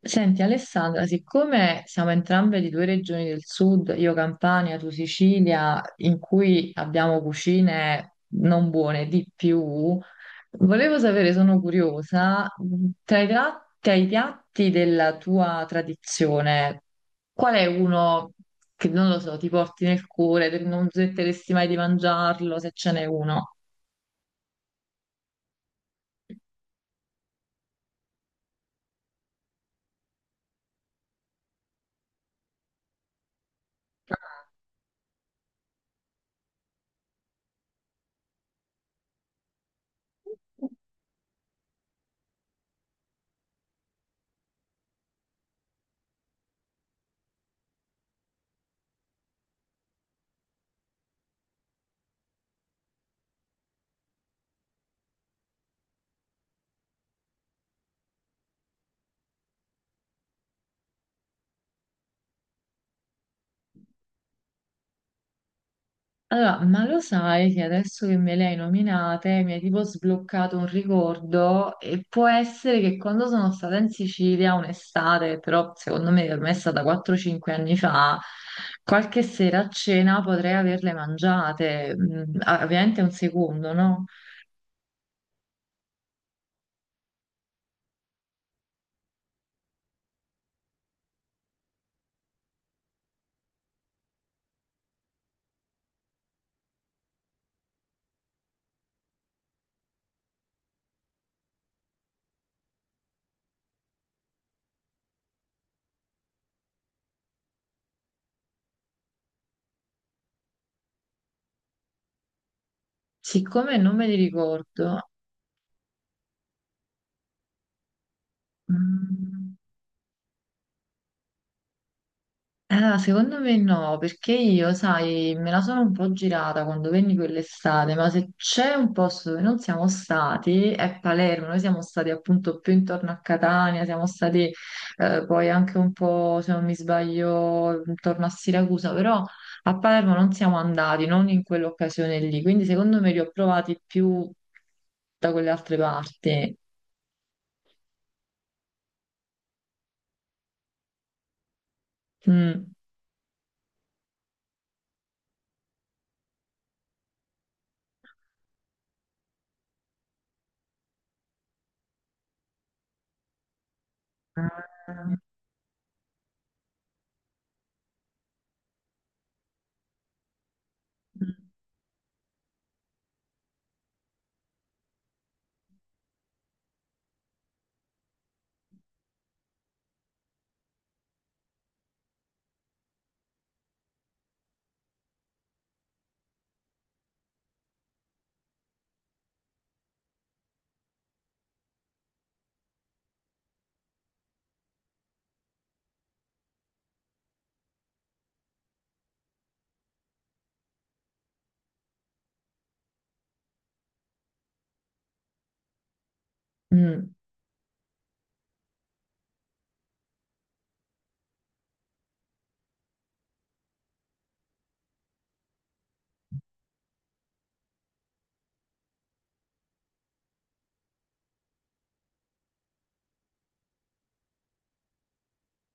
Senti Alessandra, siccome siamo entrambe di due regioni del sud, io Campania, tu Sicilia, in cui abbiamo cucine non buone di più, volevo sapere, sono curiosa, tra i piatti della tua tradizione, qual è uno che non lo so, ti porti nel cuore, che non smetteresti mai di mangiarlo, se ce n'è uno? Allora, ma lo sai che adesso che me le hai nominate mi hai tipo sbloccato un ricordo e può essere che quando sono stata in Sicilia un'estate, però secondo me ormai è stata 4-5 anni fa, qualche sera a cena potrei averle mangiate. Mm, ah, ovviamente un secondo, no? Siccome non me li ricordo, mm. Allora, secondo me no, perché io, sai, me la sono un po' girata quando venni quell'estate, ma se c'è un posto dove non siamo stati è Palermo, noi siamo stati appunto più intorno a Catania, siamo stati, poi anche un po', se non mi sbaglio, intorno a Siracusa, però a Palermo non siamo andati, non in quell'occasione lì, quindi secondo me li ho provati più da quelle altre parti. Mm. Mm. Mm.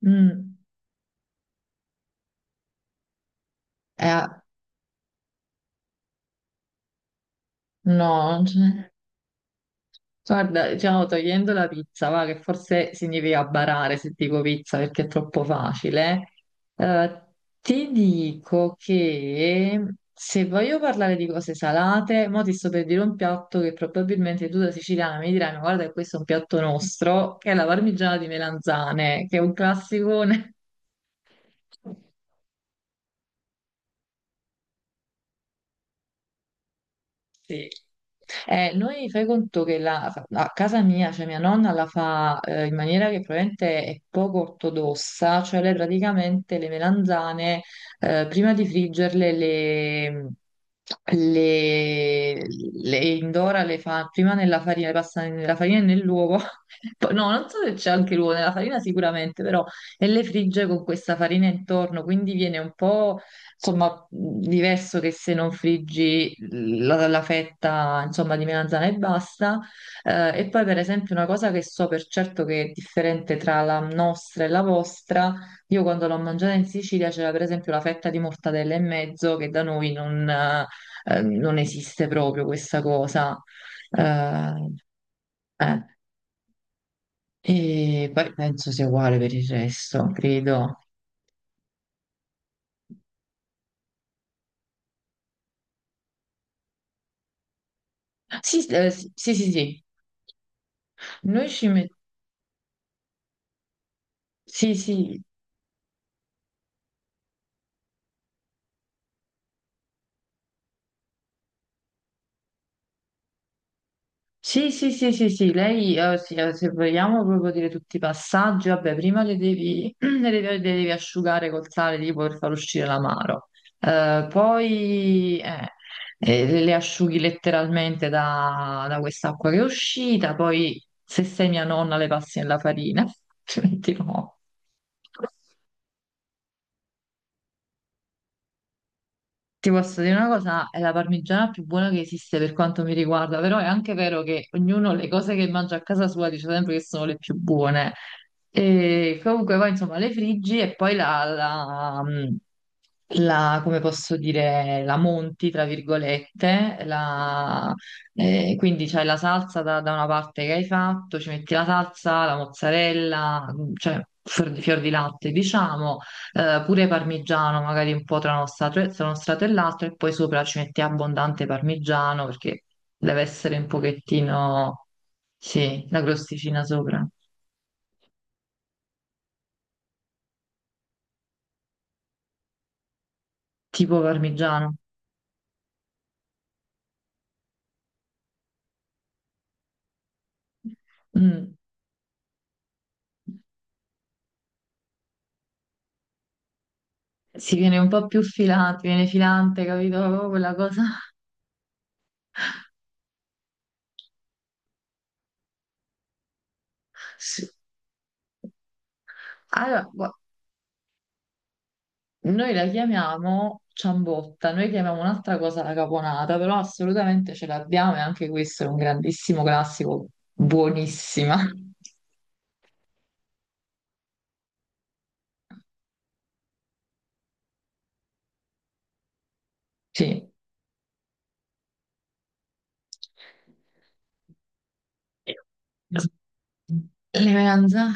Mm. Eh, no, non c'è. Guarda, diciamo togliendo la pizza, va, che forse significa barare se dico pizza perché è troppo facile, eh, ti dico che se voglio parlare di cose salate, mo ti sto per dire un piatto che probabilmente tu da siciliana mi dirai, ma guarda che questo è un piatto nostro, che è la parmigiana di melanzane, che è un classicone. Sì. Noi fai conto che a casa mia, cioè mia nonna la fa in maniera che probabilmente è poco ortodossa, cioè lei praticamente le melanzane prima di friggerle le indora, le fa prima nella farina, le passa nella farina e nell'uovo, no, non so se c'è anche l'uovo, nella farina sicuramente, però e le frigge con questa farina intorno, quindi viene un po'. Insomma, diverso che se non friggi la fetta, insomma, di melanzana e basta. E poi, per esempio, una cosa che so per certo che è differente tra la nostra e la vostra, io quando l'ho mangiata in Sicilia c'era per esempio la fetta di mortadella e mezzo, che da noi non, non esiste proprio questa cosa. Eh, eh. E poi penso sia uguale per il resto, credo. Sì, sì, sì, sì. Noi ci mettiamo... Sì, sì, sì, sì, sì, sì, sì, lei, sì, se vogliamo proprio dire tutti i passaggi, vabbè, prima le devi asciugare col sale tipo per far uscire l'amaro. Poi Le asciughi letteralmente da, da quest'acqua che è uscita, poi se sei mia nonna le passi nella farina, altrimenti no. Ti posso dire una cosa, è la parmigiana più buona che esiste per quanto mi riguarda, però è anche vero che ognuno le cose che mangia a casa sua dice sempre che sono le più buone. E comunque poi insomma le friggi e poi come posso dire, la monti, tra virgolette, quindi c'hai la salsa da, da una parte che hai fatto, ci metti la salsa, la mozzarella, mm, cioè fior di latte, diciamo, pure parmigiano, magari un po' tra uno strato e l'altro, e poi sopra ci metti abbondante parmigiano perché deve essere un pochettino, sì, la crosticina sopra, tipo parmigiano. Mm. Si viene un po' più filante, viene filante, capito? Proprio quella cosa. Allora, noi la chiamiamo ciambotta, noi chiamiamo un'altra cosa la caponata, però assolutamente ce l'abbiamo e anche questo è un grandissimo classico, buonissima. Sì. Eleganza.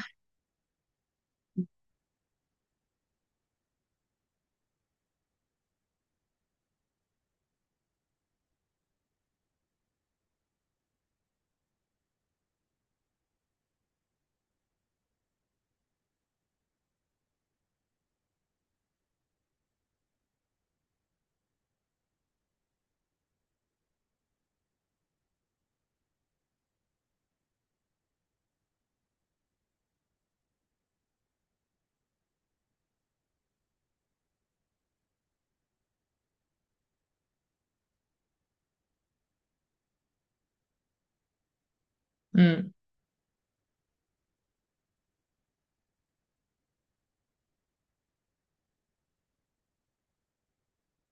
Mm.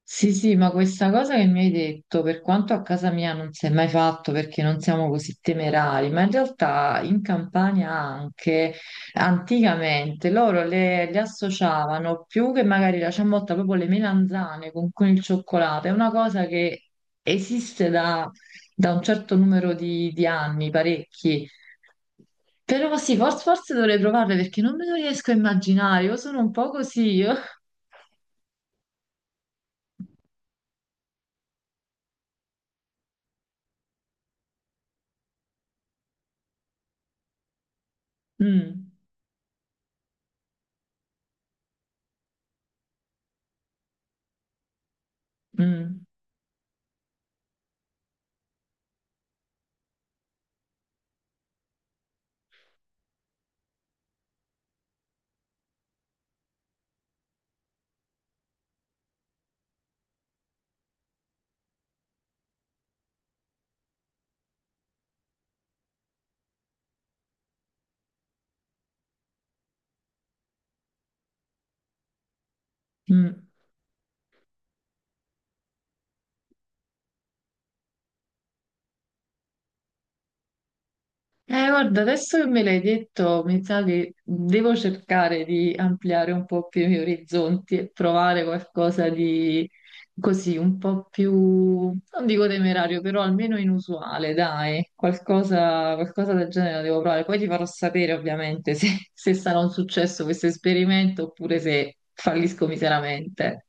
Sì, sì, ma questa cosa che mi hai detto, per quanto a casa mia non si è mai fatto perché non siamo così temerari, ma in realtà in Campania anche anticamente loro le associavano più che magari la ciabatta, proprio le melanzane con il cioccolato, è una cosa che esiste da, da un certo numero di anni, parecchi. Però sì, forse dovrei provarle perché non me lo riesco a immaginare, io sono un po' così. Io... Mm, mm, mm. Guarda, adesso che me l'hai detto, mi sa che devo cercare di ampliare un po' più i miei orizzonti e provare qualcosa di così, un po' più, non dico temerario, però almeno inusuale, dai, qualcosa, qualcosa del genere la devo provare. Poi ti farò sapere ovviamente se, se sarà un successo questo esperimento oppure se fallisco miseramente.